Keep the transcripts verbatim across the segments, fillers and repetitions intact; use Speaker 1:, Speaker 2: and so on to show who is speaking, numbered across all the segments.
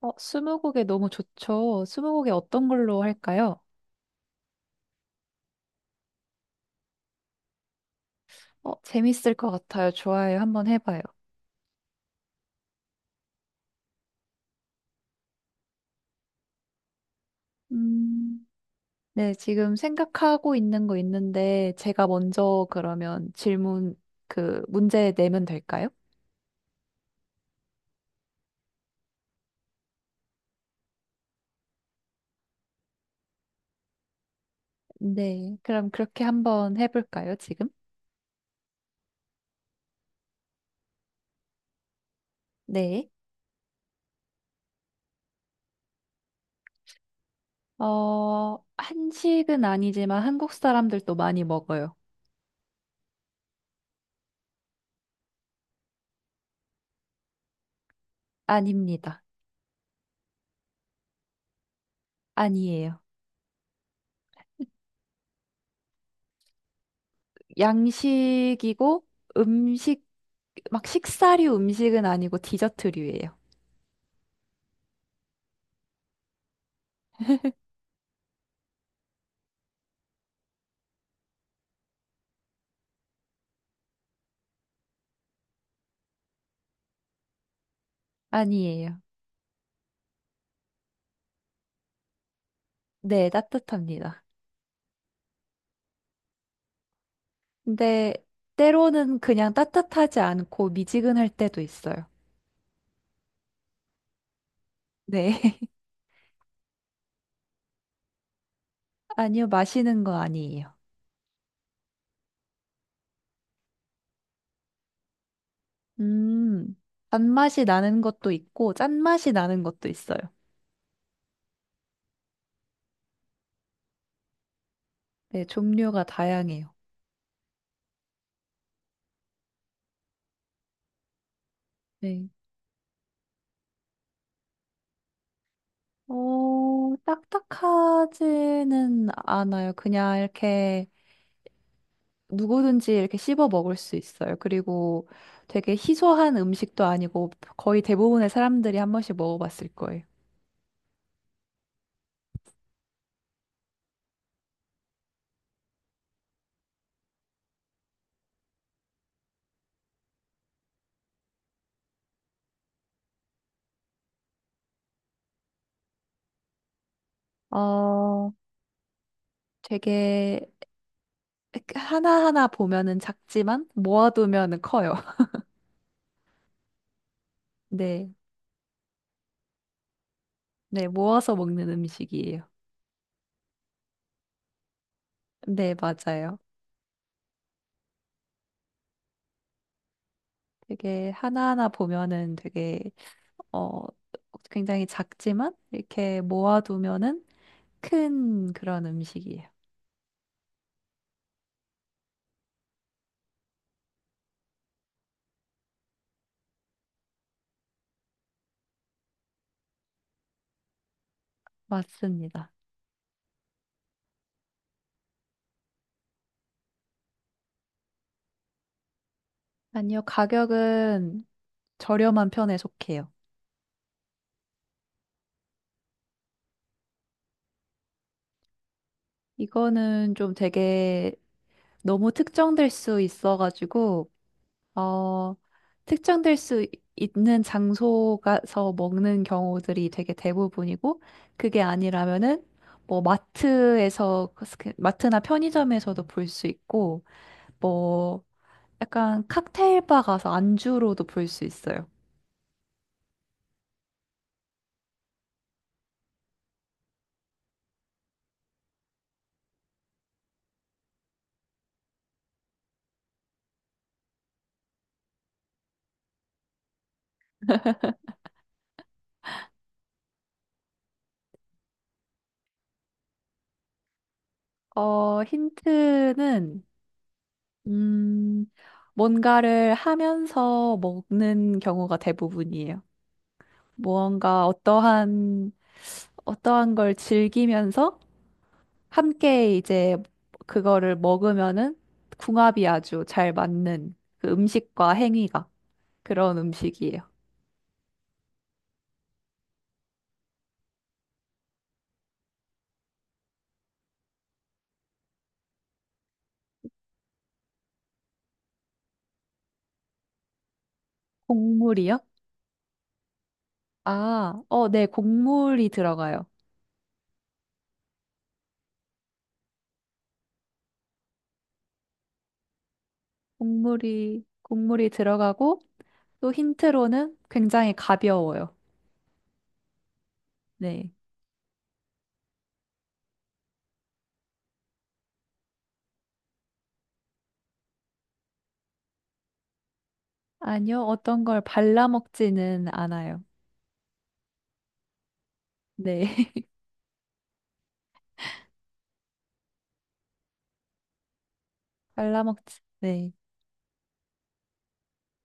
Speaker 1: 어, 스무고개 너무 좋죠. 스무고개 어떤 걸로 할까요? 어, 재밌을 것 같아요. 좋아요. 한번 해봐요. 음, 네, 지금 생각하고 있는 거 있는데, 제가 먼저 그러면 질문, 그, 문제 내면 될까요? 네, 그럼 그렇게 한번 해볼까요, 지금? 네. 어, 한식은 아니지만 한국 사람들도 많이 먹어요. 아닙니다. 아니에요. 양식이고 음식 막 식사류 음식은 아니고 디저트류예요. 아니에요. 네, 따뜻합니다. 근데 때로는 그냥 따뜻하지 않고 미지근할 때도 있어요. 네. 아니요, 마시는 거 아니에요. 음, 단맛이 나는 것도 있고 짠맛이 나는 것도 있어요. 네, 종류가 다양해요. 네. 어, 딱딱하지는 않아요. 그냥 이렇게 누구든지 이렇게 씹어 먹을 수 있어요. 그리고 되게 희소한 음식도 아니고 거의 대부분의 사람들이 한 번씩 먹어봤을 거예요. 어, 되게 하나하나 보면은 작지만 모아두면은 커요. 네. 네, 모아서 먹는 음식이에요. 네, 맞아요. 되게 하나하나 보면은 되게 어 굉장히 작지만 이렇게 모아두면은 큰 그런 음식이에요. 맞습니다. 아니요, 가격은 저렴한 편에 속해요. 이거는 좀 되게 너무 특정될 수 있어가지고, 어, 특정될 수 있- 있는 장소가서 먹는 경우들이 되게 대부분이고, 그게 아니라면은, 뭐, 마트에서, 그- 그 마트나 편의점에서도 볼 수 있고, 뭐, 약간 칵테일 바 가서 안주로도 볼 수 있어요. 어, 힌트는 음, 뭔가를 하면서 먹는 경우가 대부분이에요. 무언가 어떠한, 어떠한 걸 즐기면서 함께 이제 그거를 먹으면은 궁합이 아주 잘 맞는 그 음식과 행위가 그런 음식이에요. 곡물이요? 아, 어, 네, 곡물이 들어가요. 곡물이, 곡물이 들어가고 또 힌트로는 굉장히 가벼워요. 네. 아니요, 어떤 걸 발라먹지는 않아요. 네. 발라먹지. 네.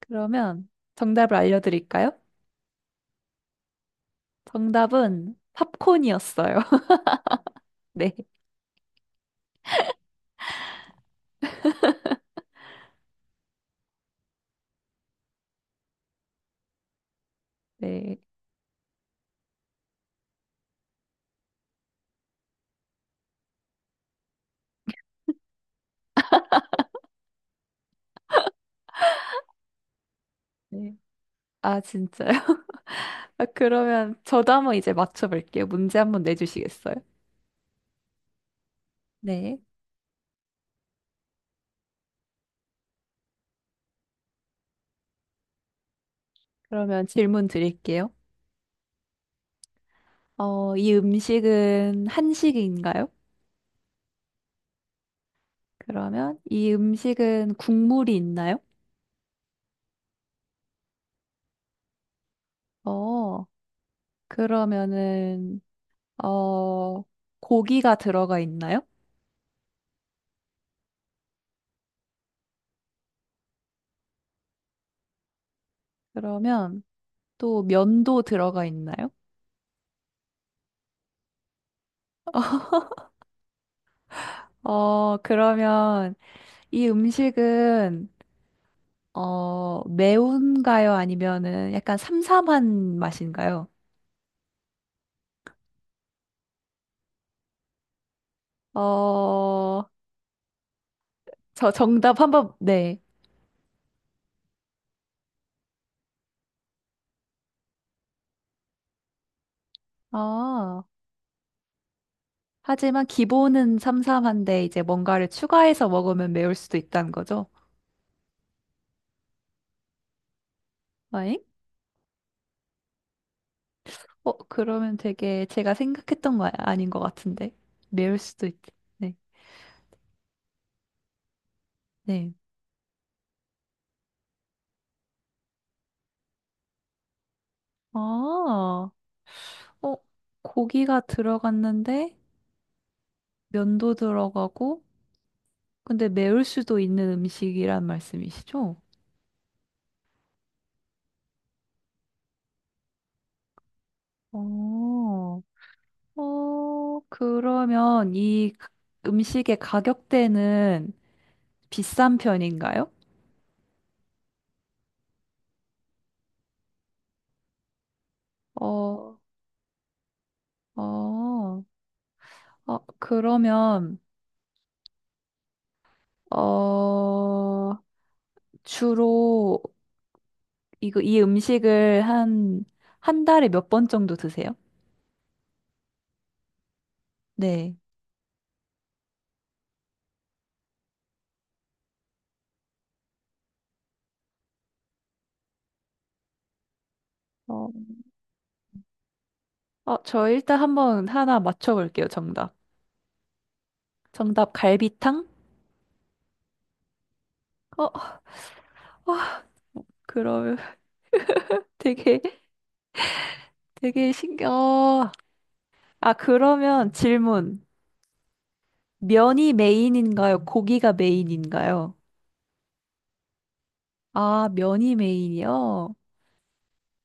Speaker 1: 그러면 정답을 알려드릴까요? 정답은 팝콘이었어요. 네. 네. 네. 아, 진짜요? 아, 그러면 저도 한번 이제 맞춰볼게요. 문제 한번 내주시겠어요? 네. 그러면 질문 드릴게요. 어, 이 음식은 한식인가요? 그러면 이 음식은 국물이 있나요? 어, 그러면은 어, 고기가 들어가 있나요? 그러면 또 면도 들어가 있나요? 어, 그러면 이 음식은 어, 매운가요? 아니면은 약간 삼삼한 맛인가요? 어, 저 정답 한번 네. 아, 하지만 기본은 삼삼한데 이제 뭔가를 추가해서 먹으면 매울 수도 있다는 거죠? 아잉? 어, 그러면 되게 제가 생각했던 거 아닌 것 같은데. 매울 수도 있. 네. 네. 아, 어, 고기가 들어갔는데 면도 들어가고 근데 매울 수도 있는 음식이란 말씀이시죠? 어, 어, 그러면 이 가- 음식의 가격대는 비싼 편인가요? 어, 어, 어, 그러면 어, 주로 이거 이 음식을 한 한 달에 몇 번 정도 드세요? 네. 어, 어, 저 일단 한번 하나 맞춰볼게요, 정답. 정답, 갈비탕? 어, 와, 그러면 되게, 되게 신기해. 어, 아, 그러면 질문. 면이 메인인가요? 고기가 메인인가요? 아, 면이 메인이요?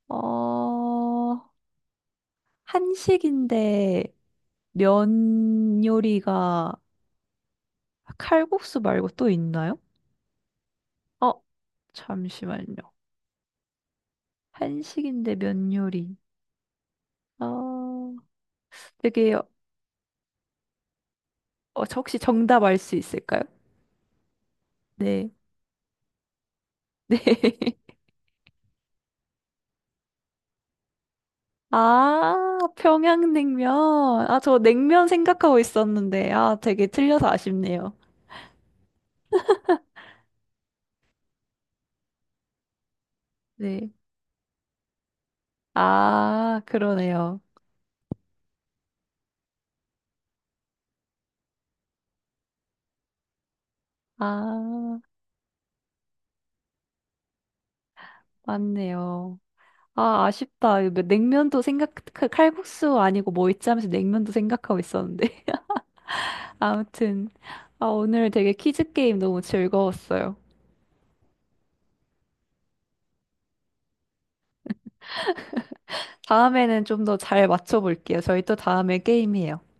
Speaker 1: 어, 한식인데 면 요리가 칼국수 말고 또 있나요? 어, 잠시만요. 한식인데 면 요리. 어, 되게 어, 저 혹시 정답 알 수 있을까요? 네. 네. 아, 평양냉면. 아, 저 냉면 생각하고 있었는데, 아, 되게 틀려서 아쉽네요. 네. 아, 그러네요. 아, 맞네요. 아, 아쉽다. 이거 뭐 냉면도 생각, 그 칼국수 아니고 뭐 있지 하면서 냉면도 생각하고 있었는데. 아무튼, 아, 오늘 되게 퀴즈 게임 너무 즐거웠어요. 다음에는 좀 더 잘 맞춰볼게요. 저희 또 다음에 게임해요.